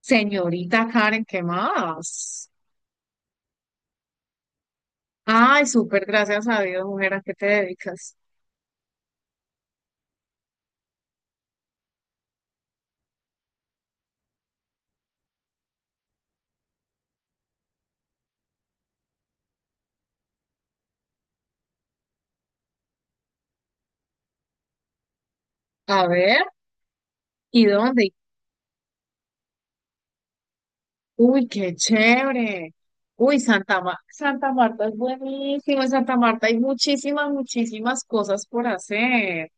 Señorita Karen, ¿qué más? Ay, súper, gracias a Dios, mujer, ¿a qué te dedicas? A ver, ¿y dónde? Uy, qué chévere. Uy, Santa Marta es buenísimo. En Santa Marta hay muchísimas cosas por hacer.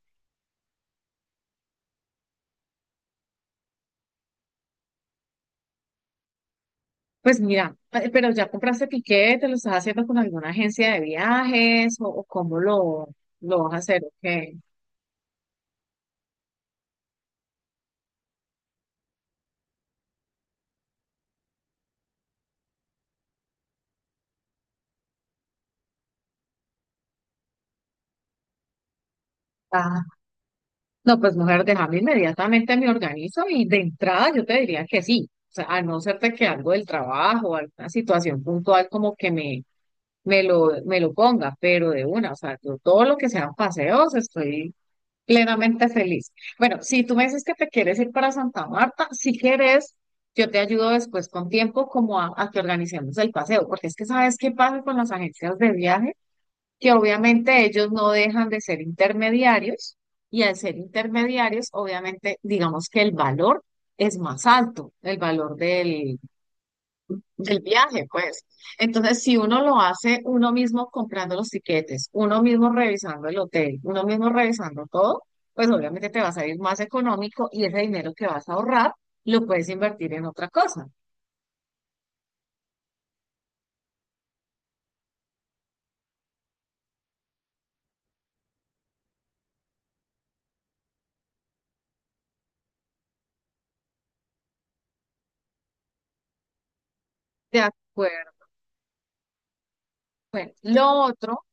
Pues mira, pero ya compraste tiquete, lo estás haciendo con alguna agencia de viajes o cómo lo vas a hacer, ¿ok? No, pues mujer, déjame, inmediatamente me organizo y de entrada yo te diría que sí. O sea, a no ser de que algo del trabajo, alguna situación puntual como que me lo ponga, pero de una, o sea, yo todo lo que sean paseos estoy plenamente feliz. Bueno, si tú me dices que te quieres ir para Santa Marta, si quieres, yo te ayudo después con tiempo como a que organicemos el paseo, porque es que sabes qué pasa con las agencias de viaje que obviamente ellos no dejan de ser intermediarios y al ser intermediarios, obviamente, digamos que el valor es más alto, el valor del, del viaje, pues. Entonces, si uno lo hace uno mismo comprando los tiquetes, uno mismo revisando el hotel, uno mismo revisando todo, pues obviamente te va a salir más económico y ese dinero que vas a ahorrar lo puedes invertir en otra cosa. De acuerdo. Bueno, lo otro.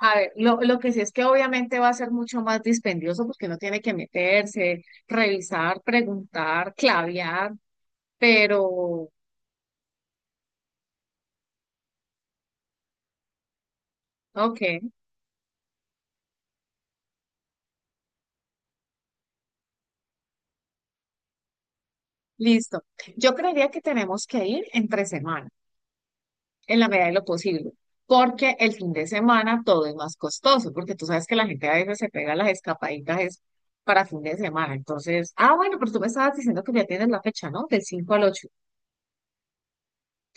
A ver, lo que sí es que obviamente va a ser mucho más dispendioso porque uno tiene que meterse, revisar, preguntar, clavear, pero, ok, listo. Yo creería que tenemos que ir entre semana, en la medida de lo posible, porque el fin de semana todo es más costoso, porque tú sabes que la gente a veces se pega las escapaditas es para fin de semana. Entonces, ah, bueno, pero tú me estabas diciendo que ya tienes la fecha, ¿no? Del 5 al ocho.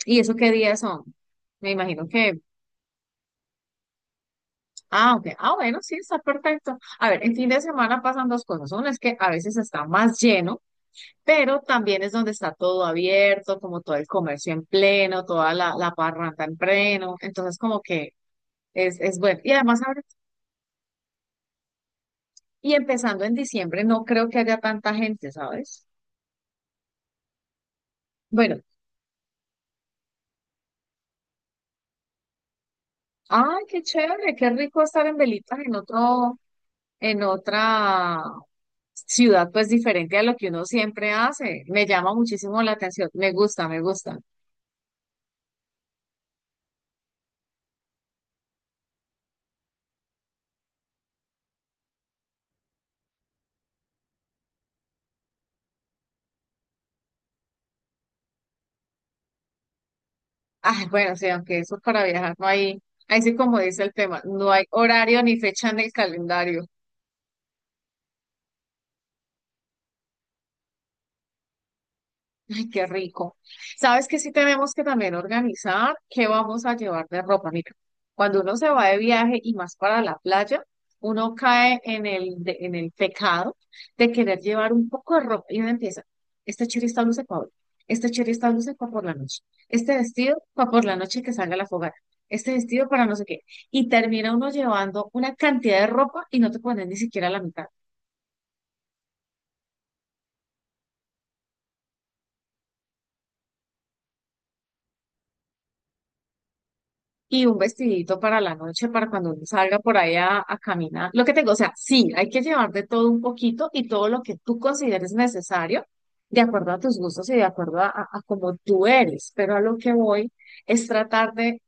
¿Y eso qué días son? Me imagino que... Ah, ok. Ah, bueno, sí, está perfecto. A ver, en fin de semana pasan dos cosas. Una es que a veces está más lleno, pero también es donde está todo abierto, como todo el comercio en pleno, toda la parranda en pleno. Entonces, como que es bueno. Y además, ahora- y empezando en diciembre, no creo que haya tanta gente, ¿sabes? Bueno, ay, qué chévere, qué rico estar en Velitas en otro, en otra ciudad, pues diferente a lo que uno siempre hace. Me llama muchísimo la atención. Me gusta, me gusta. Ah, bueno, sí, aunque eso es para viajar, no hay, ahí sí como dice el tema, no hay horario ni fecha en el calendario. Ay, qué rico. ¿Sabes que sí tenemos que también organizar qué vamos a llevar de ropa? Mira, cuando uno se va de viaje y más para la playa, uno cae en en el pecado de querer llevar un poco de ropa y uno empieza, este chiri está luce para hoy, este chiri está luce para por la noche, este vestido para por la noche que salga a la fogata, este vestido para no sé qué. Y termina uno llevando una cantidad de ropa y no te pones ni siquiera la mitad. Y un vestidito para la noche, para cuando uno salga por ahí a caminar. Lo que tengo, o sea, sí, hay que llevar de todo un poquito y todo lo que tú consideres necesario, de acuerdo a tus gustos y de acuerdo a cómo tú eres, pero a lo que voy es tratar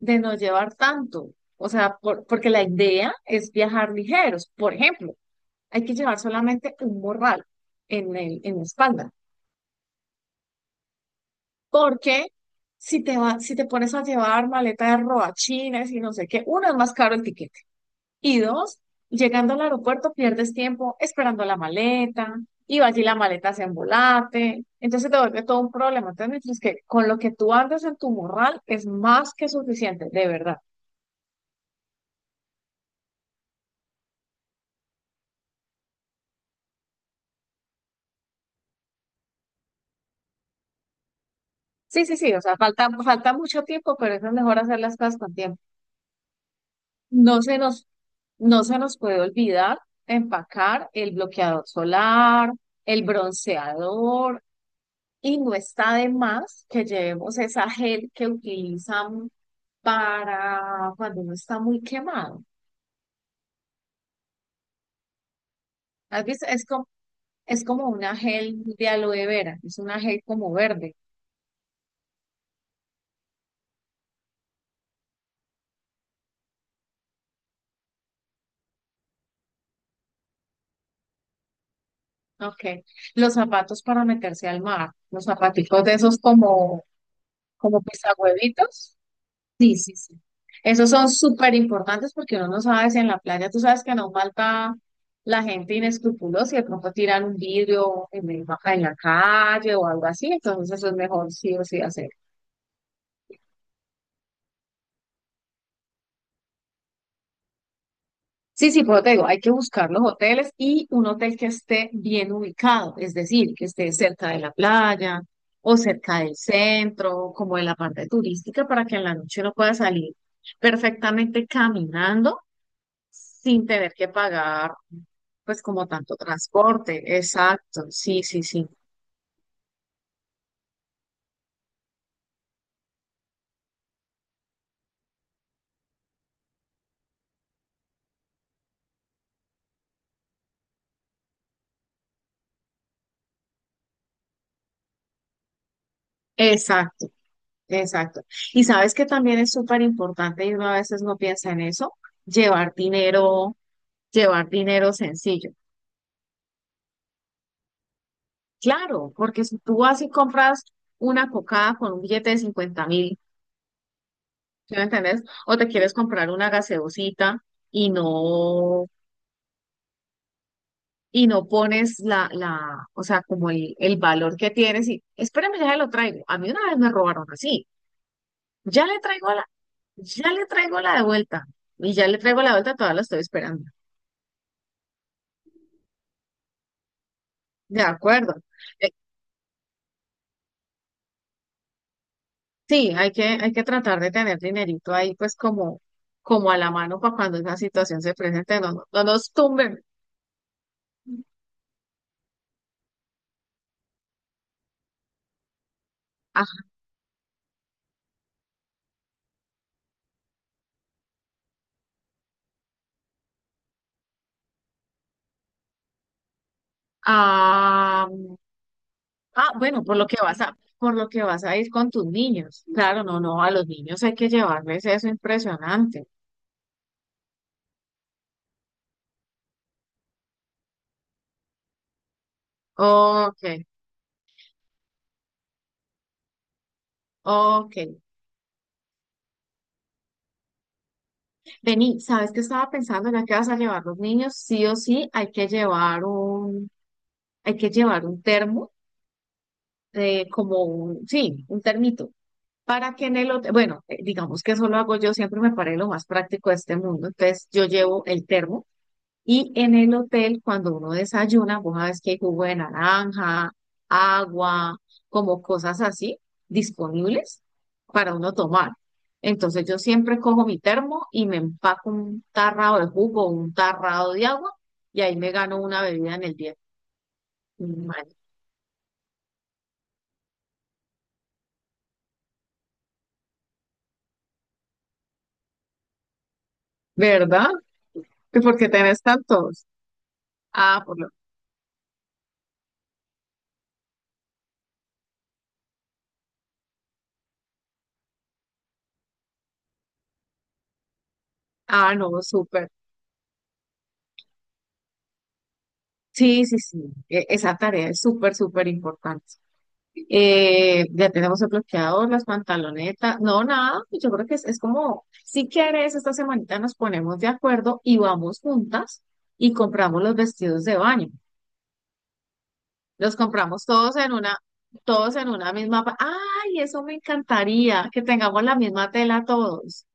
de no llevar tanto, o sea, porque la idea es viajar ligeros. Por ejemplo, hay que llevar solamente un morral en la espalda, porque... Si te va, si te pones a llevar maleta de robachines y no sé qué, uno, es más caro el tiquete. Y dos, llegando al aeropuerto pierdes tiempo esperando la maleta, y va allí la maleta se embolate, entonces te vuelve todo un problema. Entonces, mientras que con lo que tú andas en tu morral es más que suficiente, de verdad. Sí, sí, sí, o sea, falta mucho tiempo, pero es mejor hacer las cosas con tiempo. No se nos, no se nos puede olvidar empacar el bloqueador solar, el bronceador. Y no está de más que llevemos esa gel que utilizan para cuando uno está muy quemado. ¿Has visto? Es como una gel de aloe vera, es una gel como verde. Okay. Los zapatos para meterse al mar, los zapaticos de esos como, como pisahuevitos. Sí, sí, sí. Esos son súper importantes porque uno no sabe si en la playa, tú sabes que no falta la gente inescrupulosa y de pronto tiran un vidrio en la calle o algo así, entonces eso es mejor sí o sí hacer. Sí, sí, pero te digo, hay que buscar los hoteles y un hotel que esté bien ubicado, es decir, que esté cerca de la playa o cerca del centro, como de la parte turística, para que en la noche uno pueda salir perfectamente caminando sin tener que pagar, pues como tanto transporte. Exacto, sí, sí, sí. Exacto, exacto. Y sabes que también es súper importante y uno a veces no piensa en eso, llevar dinero, llevar dinero sencillo. Claro, porque si tú vas y compras una cocada con un billete de 50 mil, ¿sí me entendés? O te quieres comprar una gaseosita y no y no pones o sea, como el valor que tienes y espérame, ya lo traigo. A mí una vez me robaron así, ya le traigo la, ya le traigo la de vuelta y ya le traigo la vuelta, todavía la estoy esperando. De acuerdo. Eh, sí, hay que tratar de tener dinerito ahí, pues como, como a la mano para cuando esa situación se presente, no nos tumben. Ajá. Ah, bueno, por lo que vas a ir con tus niños. Claro, no, no, a los niños hay que llevarles eso impresionante. Ok, ok. Vení, ¿sabes qué estaba pensando? Ya que vas a llevar los niños, sí o sí hay que llevar un termo, como un, sí, un termito, para que en el hotel, bueno, digamos que eso lo hago yo, siempre me parece lo más práctico de este mundo, entonces yo llevo el termo. Y en el hotel, cuando uno desayuna, vos sabes que hay jugo de naranja, agua, como cosas así disponibles para uno tomar. Entonces yo siempre cojo mi termo y me empaco un tarrado de jugo, un tarrado de agua, y ahí me gano una bebida en el día. Man, ¿verdad? ¿Y por qué tenés tantos? Ah, por lo... Ah, no, súper. Sí, sí, sí. Esa tarea es súper importante. Ya tenemos el bloqueador, las pantalonetas. No, nada, yo creo que es como, si quieres, esta semanita nos ponemos de acuerdo y vamos juntas y compramos los vestidos de baño. Los compramos todos en una misma. Ay, eso me encantaría, que tengamos la misma tela todos.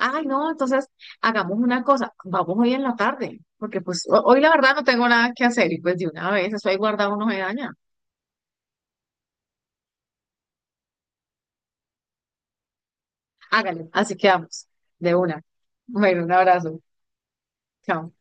Ay, no, entonces hagamos una cosa, vamos hoy en la tarde, porque pues hoy la verdad no tengo nada que hacer y pues de una vez, eso ahí guardado no se daña. Hágale, así quedamos, de una. Bueno, un abrazo. Chao.